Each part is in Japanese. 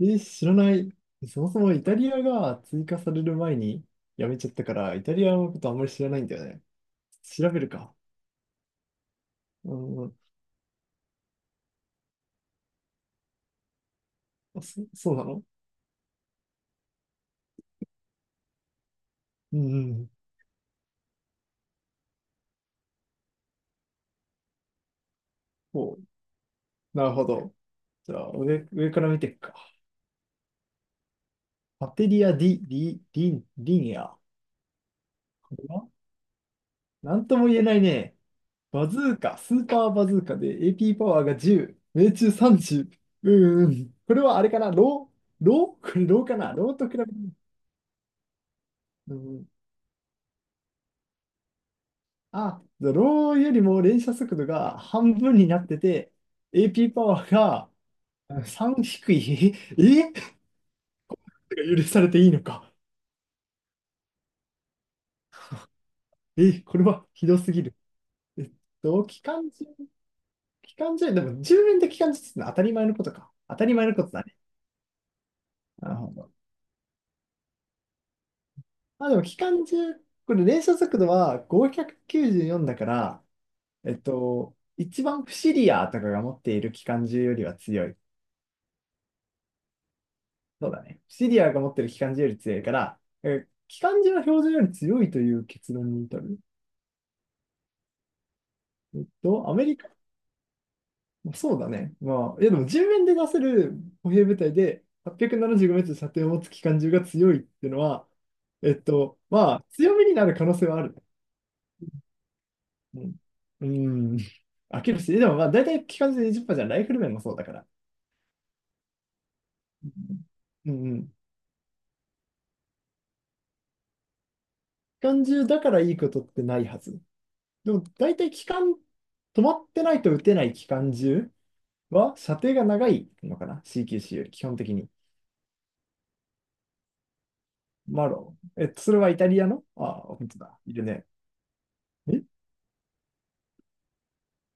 え、知らない。そもそもイタリアが追加される前にやめちゃったから、イタリアのことあんまり知らないんだよね。調べるか。うん、あ、そうなの？うんうん。お、なるほど。じゃあ、上から見ていくか。パテリア・ディ、リニア。これはなんとも言えないね。バズーカ、スーパーバズーカで AP パワーが10、命中30。うんうん。これはあれかな、ロー、これローかな、ローと比べて、うん。あ、ローよりも連射速度が半分になってて、AP パワーが、うん、3低い。え、許されていいのか。え、これはひどすぎる。えっと、機関銃、機関銃、でも10連で機関銃ってのは当たり前のことか。当たり前のことだね。なるほど。まあ、でも機関銃、これ連射速度は594だから、一番不思リアとかが持っている機関銃よりは強い。そうだね。シリアが持ってる機関銃より強いから、機関銃は標準より強いという結論に至る。アメリカ、まあそうだね。まあ、いやでも人面で出せる歩兵部隊で 875m 射程を持つ機関銃が強いっていうのは、まあ、強みになる可能性はある。うん。うん。飽きるし、でもまあ、大体機関銃で20%じゅっパーセントじゃん、ライフル面もそうだから。うん。うんうん。機関銃だからいいことってないはず。でも、大体止まってないと撃てない機関銃は、射程が長いのかな？ CQC より基本的に。マロ。それはイタリアの、ああ、本当だ。いるね。え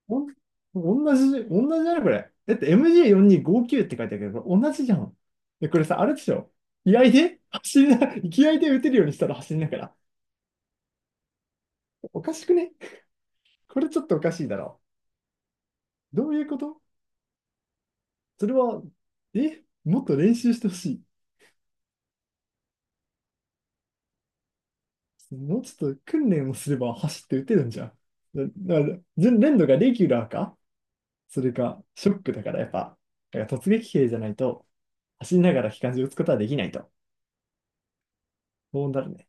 おん、同じだね、これ。だって MJ4259 って書いてあるけど、これ同じじゃん。え、これさ、あれでしょ。気合で走りな、気合で打てるようにしたら走りながら。おかしくね？これちょっとおかしいだろう。どういうこと？それは、もっと練習してほしい。もうちょっと訓練をすれば走って打てるんじゃん。だから、レンドがレギュラーか？それか、ショックだからやっぱ、だから突撃兵じゃないと、走りながら機関銃撃つことはできないと。そうなるね。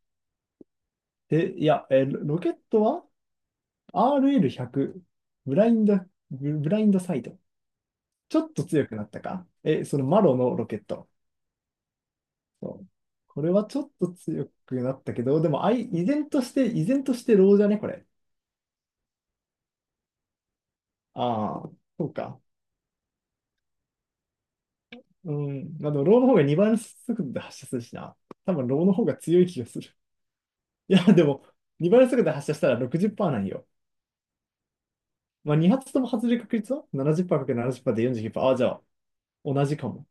で、いや、ロケットは RL100、ブラインド、ブラインドサイド。ちょっと強くなったか？そのマロのロケット。そう、これはちょっと強くなったけど、でも、依然としてローじゃね、これ。ああ、そうか。うん。まあ、でもローの方が2倍の速度で発射するしな。多分ローの方が強い気がする。いや、でも、2倍速度で発射したら60%なんよ。まあ、2発とも外れる確率は 70%×70% で49%。ああ、じゃあ、同じかも。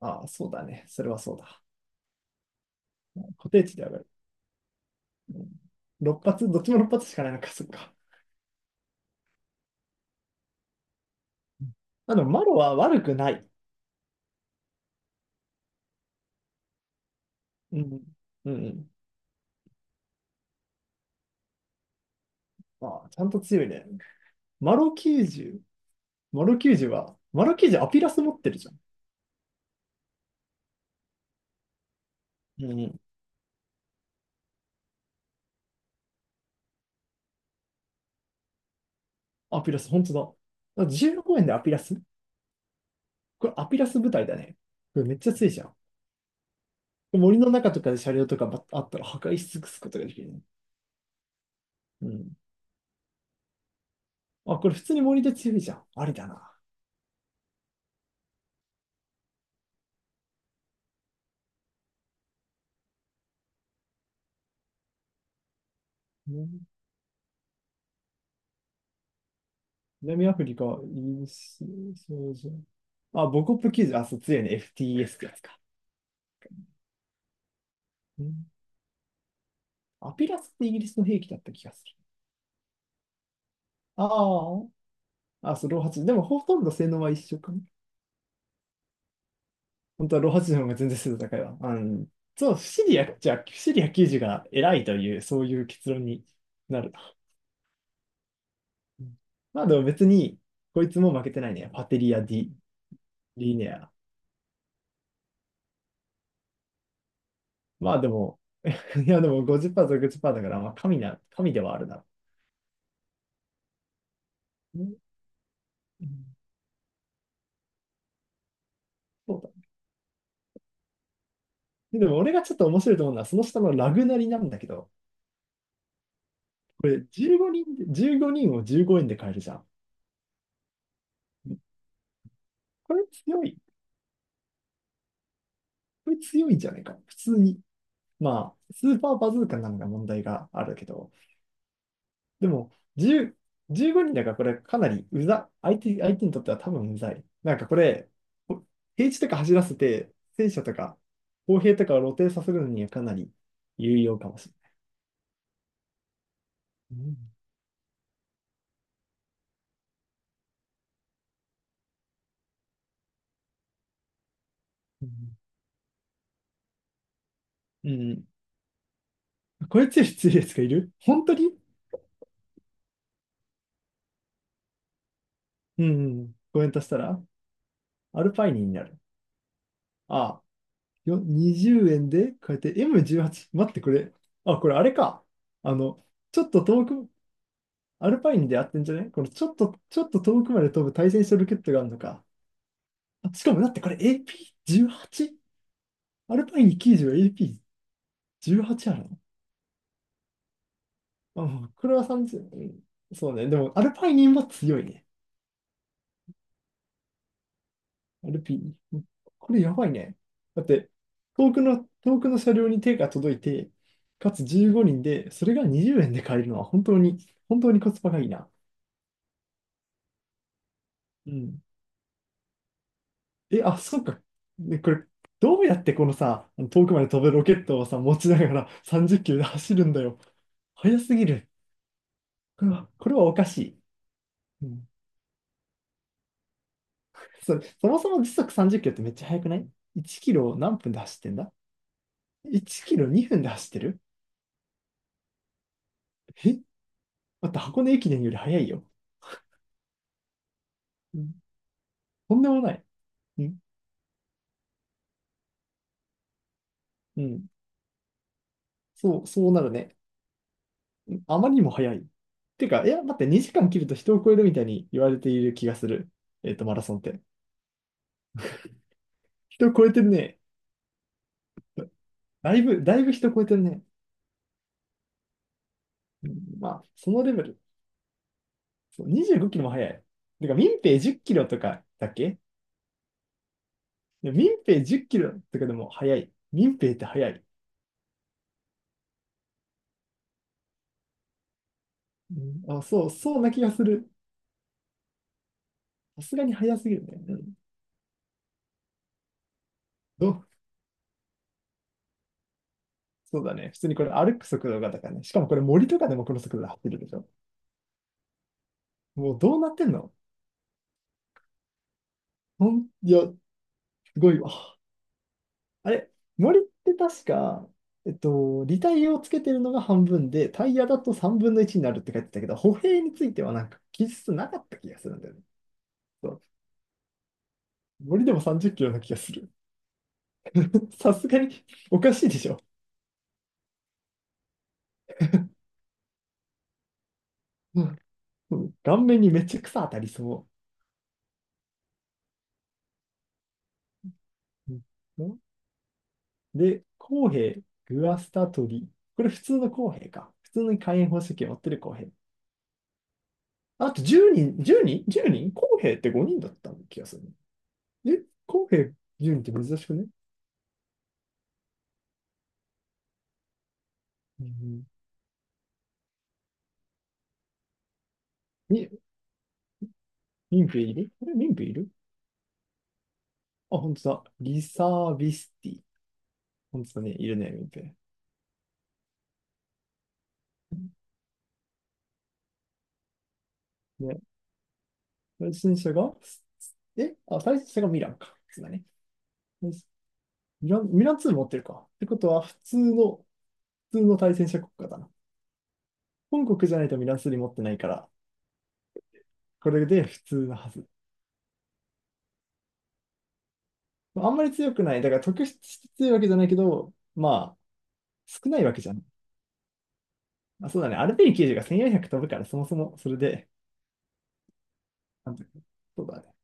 ああ、そうだね。それはそうだ。固定値で上がる。6発、どっちも6発しかないのか、そっか。マロは悪くない。うん。うんうん。ああ、ちゃんと強いね。マロ90。マロ90は、マロ90アピラス持ってるじゃん。うんうん。アピラス、本当だ。だか15円でアピラス。これアピラス部隊だね。これめっちゃ強いじゃん。森の中とかで車両とかばあったら破壊し尽くすことができるね。うん。あ、これ普通に森で強いじゃん。ありだな。うん。南アフリカ、イギリス、そうじゃん。あ、ボコップ90、あ、そう、強いね。FTS ってやつか。うん。アピラスってイギリスの兵器だった気がする。ああ、あ、そう、ロー8。でもほとんど性能は一緒かな。本当はローハチの方が全然精度高いわ。うん。そう、シリア、じゃあ、シリア90が偉いという、そういう結論になる。うん。まあでも別に、こいつも負けてないね。パテリア・ディ・リネア。まあでも、いやでも50%、60%だから、まあ神な、神ではあるな。うん。うん。そうだ。でも俺がちょっと面白いと思うのは、その下のラグナリなんだけど、これ15人で、15人を15円で買えるじゃん。これ強い。これ強いんじゃないか。普通に。まあ、スーパーバズーカなのが問題があるけど、でも、10、15人だからこれかなり相手にとっては多分うざい。なんかこれ、平地とか走らせて、戦車とか、砲兵とかを露呈させるのにはかなり有用かもしれない。うん。うんうん、これ強いつより強いやつがいる、本当に。うんうん。コメントしたら、アルパイニーになる。ああ、20円で、こうやって M18。待って、これ。あ、これあれか。あの、ちょっと遠く、アルパイニーでやってんじゃない？この、ちょっと遠くまで飛ぶ対戦車ロケットがあるのか。あ、しかも、だってこれ AP18？ アルパイニー90は AP18 あるの？まあ、黒田さんですよね。うん。そうね。でも、アルパイニンは強いね。アルピーニ。うん。これやばいね。だって、遠くの車両に手が届いて、かつ15人で、それが20円で買えるのは本当に、本当にコスパがいいな。うん。え、あ、そうか。で、これ、どうやってこのさ、遠くまで飛ぶロケットをさ、持ちながら30キロで走るんだよ。速すぎる。これは、これはおかしい。うん、そもそも時速30キロってめっちゃ速くない？ 1 キロを何分で走ってんだ？1キロ2分で走ってる？えだって箱根駅伝より速いよ。うん。とんでもない。うん。うん。そうなるね。うん。あまりにも速い。てか、いや、待って、2時間切ると人を超えるみたいに言われている気がする。マラソンって。人を超えてるね。だいぶ、だいぶ人を超えてるね。うん、まあ、そのレベル。そう、25キロも速い。てか、民兵10キロとかだっけ？で、民兵10キロとかでも速い。民兵って速い。うん、あ、そう、そうな気がする。さすがに速すぎるね。うん。ど、そうだね。普通にこれ歩く速度がだからね。しかもこれ森とかでもこの速度で走るでしょ。もうどうなってんの？いや、すごいわ。あれ、森って確か、えっと、履帯をつけてるのが半分で、タイヤだと3分の1になるって書いてたけど、歩兵についてはなんか記述なかった気がするんだよね。そう、森でも30キロな気がする。さすがにおかしいでしょ。うん。うん、顔面にめっちゃ草当たりそう。うん。で、公平、グアスタトリ。これ普通の公平か。普通の火炎放射器を持ってる公平。あと10人、10人？ 10 人公平って5人だった気がするね。え、公平10人って珍しくね？うん、み、え民兵いる？これ民兵いる？あ、本当だ。リサービスティ。本当だね。いるね、民兵。ね、対戦者が、対戦者がミランか。そうだね。ミラン2持ってるか。ってことは、普通の、対戦者国家だな。本国じゃないとミランスリ持ってないから、これで普通のはず。あんまり強くない。だから特筆して強いわけじゃないけど、まあ、少ないわけじゃん。あ、そうだね。アルペン90が1400飛ぶから、そもそもそれで、なんだ。そうだね。